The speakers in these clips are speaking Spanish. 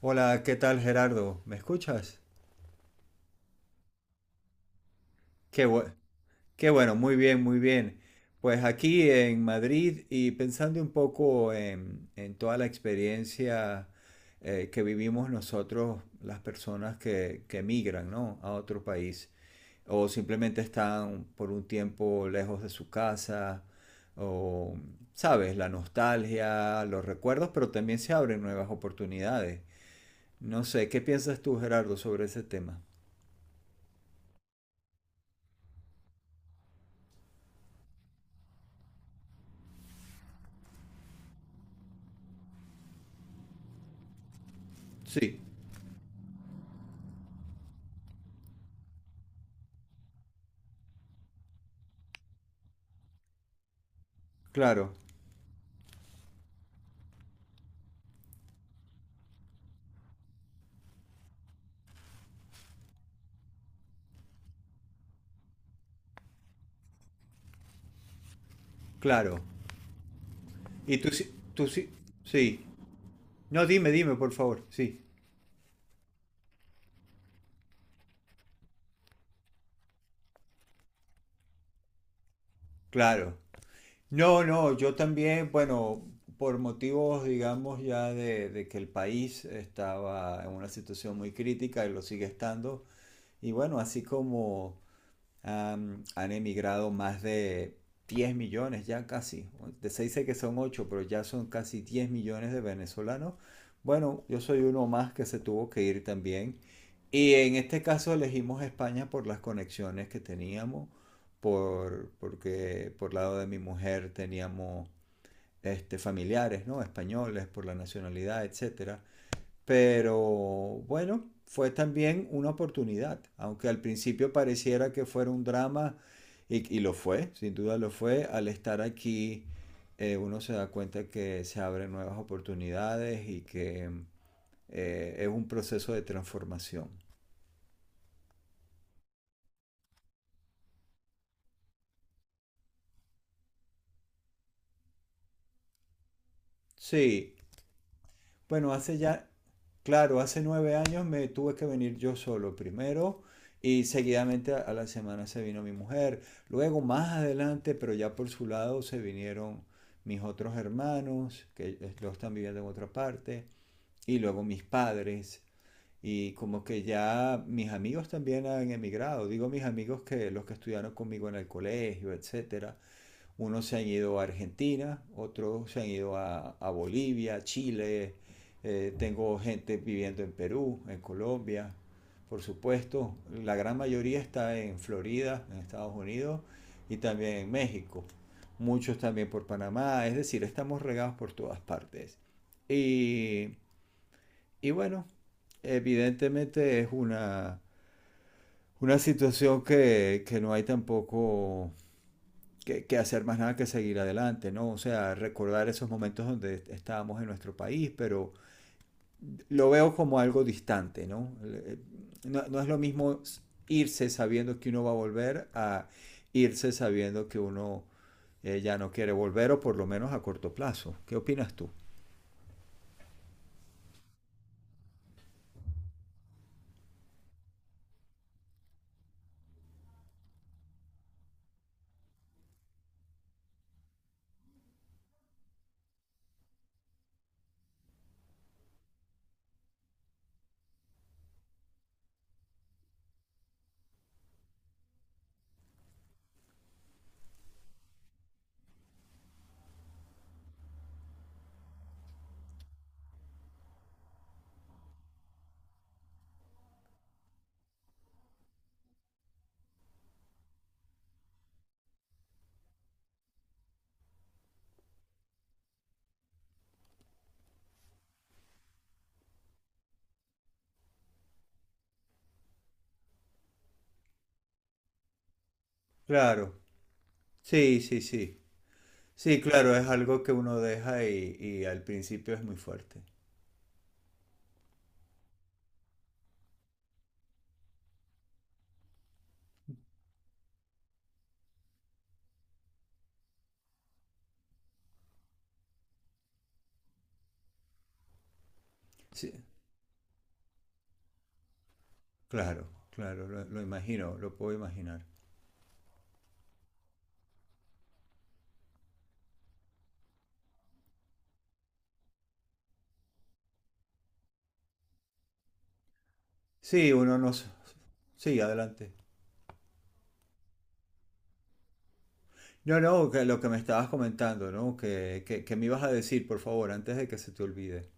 Hola, ¿qué tal, Gerardo? ¿Me escuchas? Qué bue- qué bueno, muy bien, muy bien. Pues aquí en Madrid y pensando un poco en toda la experiencia que vivimos nosotros, las personas que emigran, ¿no?, a otro país o simplemente están por un tiempo lejos de su casa o, sabes, la nostalgia, los recuerdos, pero también se abren nuevas oportunidades. No sé, ¿qué piensas tú, Gerardo, sobre ese tema? Sí. Claro, claro. Y tú, tú sí, sí. No, dime, dime, por favor. Sí, claro. No, no, yo también, bueno, por motivos, digamos, ya de que el país estaba en una situación muy crítica y lo sigue estando. Y bueno, así como, han emigrado más de 10 millones ya casi. Se dice que son ocho, pero ya son casi 10 millones de venezolanos. Bueno, yo soy uno más que se tuvo que ir también. Y en este caso elegimos España por las conexiones que teníamos, porque por lado de mi mujer teníamos este, familiares, ¿no?, españoles, por la nacionalidad, etcétera, pero bueno, fue también una oportunidad, aunque al principio pareciera que fuera un drama, y lo fue, sin duda lo fue. Al estar aquí uno se da cuenta que se abren nuevas oportunidades y que es un proceso de transformación. Sí, bueno, claro, hace 9 años me tuve que venir yo solo primero y seguidamente a la semana se vino mi mujer. Luego, más adelante, pero ya por su lado, se vinieron mis otros hermanos, que los están viviendo en otra parte, y luego mis padres. Y como que ya mis amigos también han emigrado. Digo mis amigos, que los que estudiaron conmigo en el colegio, etcétera. Unos se han ido a Argentina, otros se han ido a Bolivia, Chile, tengo gente viviendo en Perú, en Colombia, por supuesto. La gran mayoría está en Florida, en Estados Unidos, y también en México. Muchos también por Panamá, es decir, estamos regados por todas partes. Y, y bueno, evidentemente es una situación que no hay tampoco que hacer más nada que seguir adelante, ¿no? O sea, recordar esos momentos donde estábamos en nuestro país, pero lo veo como algo distante, ¿no? No, no es lo mismo irse sabiendo que uno va a volver a irse sabiendo que uno ya no quiere volver, o por lo menos a corto plazo. ¿Qué opinas tú? Claro, sí, sí, sí. Sí, claro, es algo que uno deja, y al principio es muy fuerte. Sí, claro, claro, lo imagino, lo puedo imaginar. Sí, uno no. Sí, adelante. No, no, que lo que me estabas comentando, ¿no? Que me ibas a decir, por favor, antes de que se te olvide.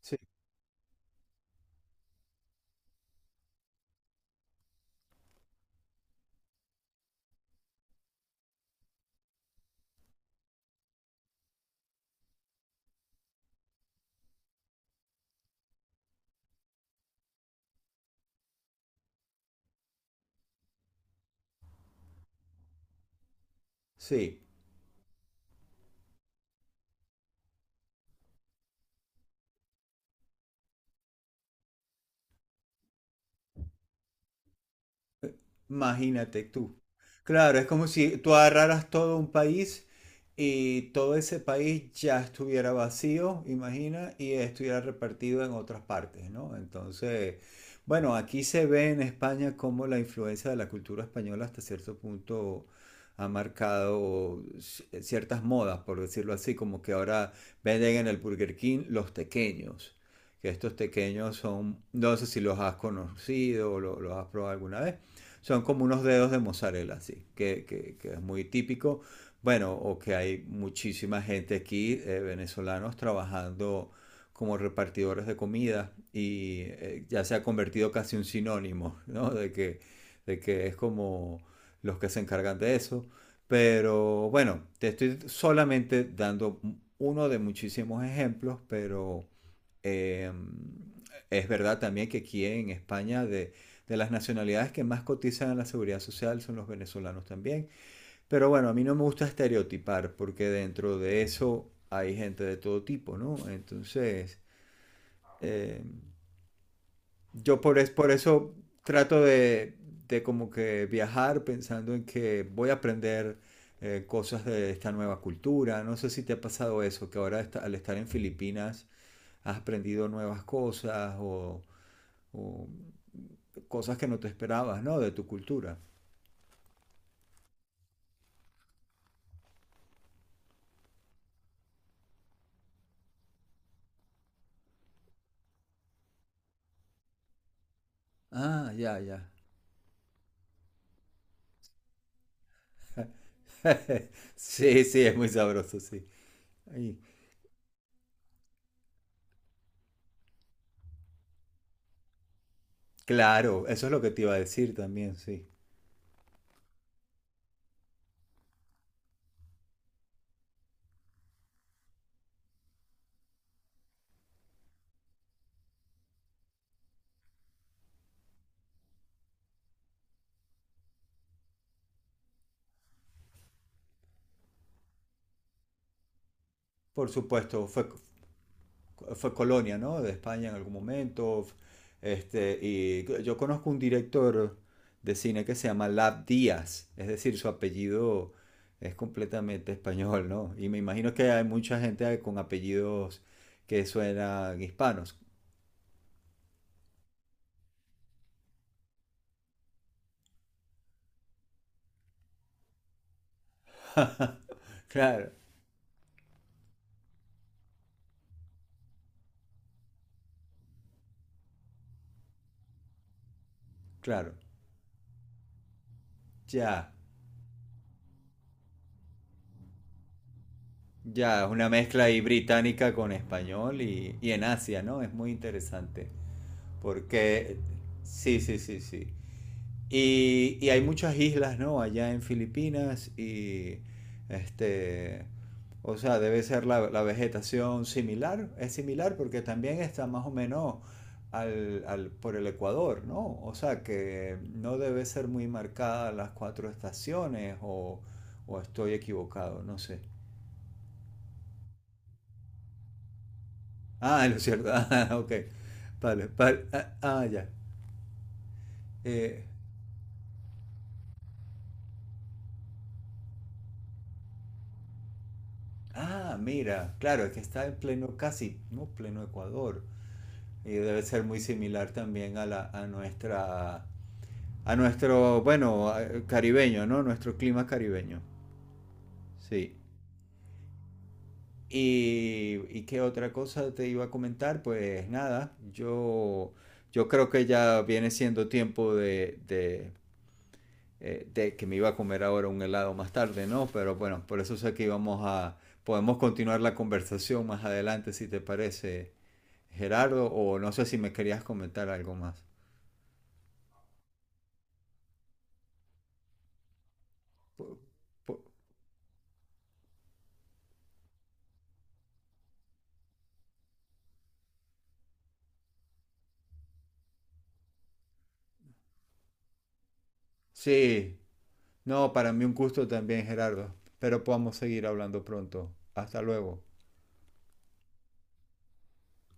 Sí. Sí. Imagínate tú. Claro, es como si tú agarraras todo un país y todo ese país ya estuviera vacío, imagina, y estuviera repartido en otras partes, ¿no? Entonces, bueno, aquí se ve en España cómo la influencia de la cultura española hasta cierto punto ha marcado ciertas modas, por decirlo así. Como que ahora venden en el Burger King los tequeños, que estos tequeños son, no sé si los has conocido o los has probado alguna vez, son como unos dedos de mozzarella, así, que es muy típico. Bueno, o que hay muchísima gente aquí, venezolanos, trabajando como repartidores de comida, y ya se ha convertido casi un sinónimo, ¿no? de que es como los que se encargan de eso. Pero bueno, te estoy solamente dando uno de muchísimos ejemplos, pero eh, es verdad también que aquí en España de las nacionalidades que más cotizan en la seguridad social son los venezolanos también. Pero bueno, a mí no me gusta estereotipar, porque dentro de eso hay gente de todo tipo, ¿no? Entonces, eh, por eso trato de como que viajar pensando en que voy a aprender cosas de esta nueva cultura. No sé si te ha pasado eso, que ahora al estar en Filipinas has aprendido nuevas cosas, o cosas que no te esperabas, ¿no?, de tu cultura. Ah, ya, ya. Sí, sí, es muy sabroso, sí. Ay, claro, eso es lo que te iba a decir también, sí. Por supuesto, fue colonia, ¿no?, de España en algún momento. Este, y yo conozco un director de cine que se llama Lab Díaz, es decir, su apellido es completamente español, ¿no? Y me imagino que hay mucha gente con apellidos que suenan hispanos. Claro, claro, ya. Ya, es una mezcla ahí británica con español, y, en Asia, ¿no? Es muy interesante. Porque, sí, sí, sí, sí. Y hay muchas islas, ¿no?, allá en Filipinas, y, este, o sea, debe ser la vegetación similar. Es similar porque también está más o menos por el Ecuador, ¿no? O sea, que no debe ser muy marcada las cuatro estaciones, o estoy equivocado, no sé. Ah, lo cierto. Ah, ok. Vale, vale. Ah, ah, ya. Eh, ah, mira, claro, es que está en pleno, casi, no, pleno Ecuador. Y debe ser muy similar también a la, a nuestra, a nuestro, bueno, caribeño, ¿no?, nuestro clima caribeño. Sí. Y qué otra cosa te iba a comentar, pues nada, yo creo que ya viene siendo tiempo de que me iba a comer ahora un helado más tarde, ¿no? Pero bueno, por eso sé que íbamos a... Podemos continuar la conversación más adelante, si te parece, Gerardo, o no sé si me querías comentar algo más. Po- Sí, no, para mí un gusto también, Gerardo, pero podamos seguir hablando pronto. Hasta luego.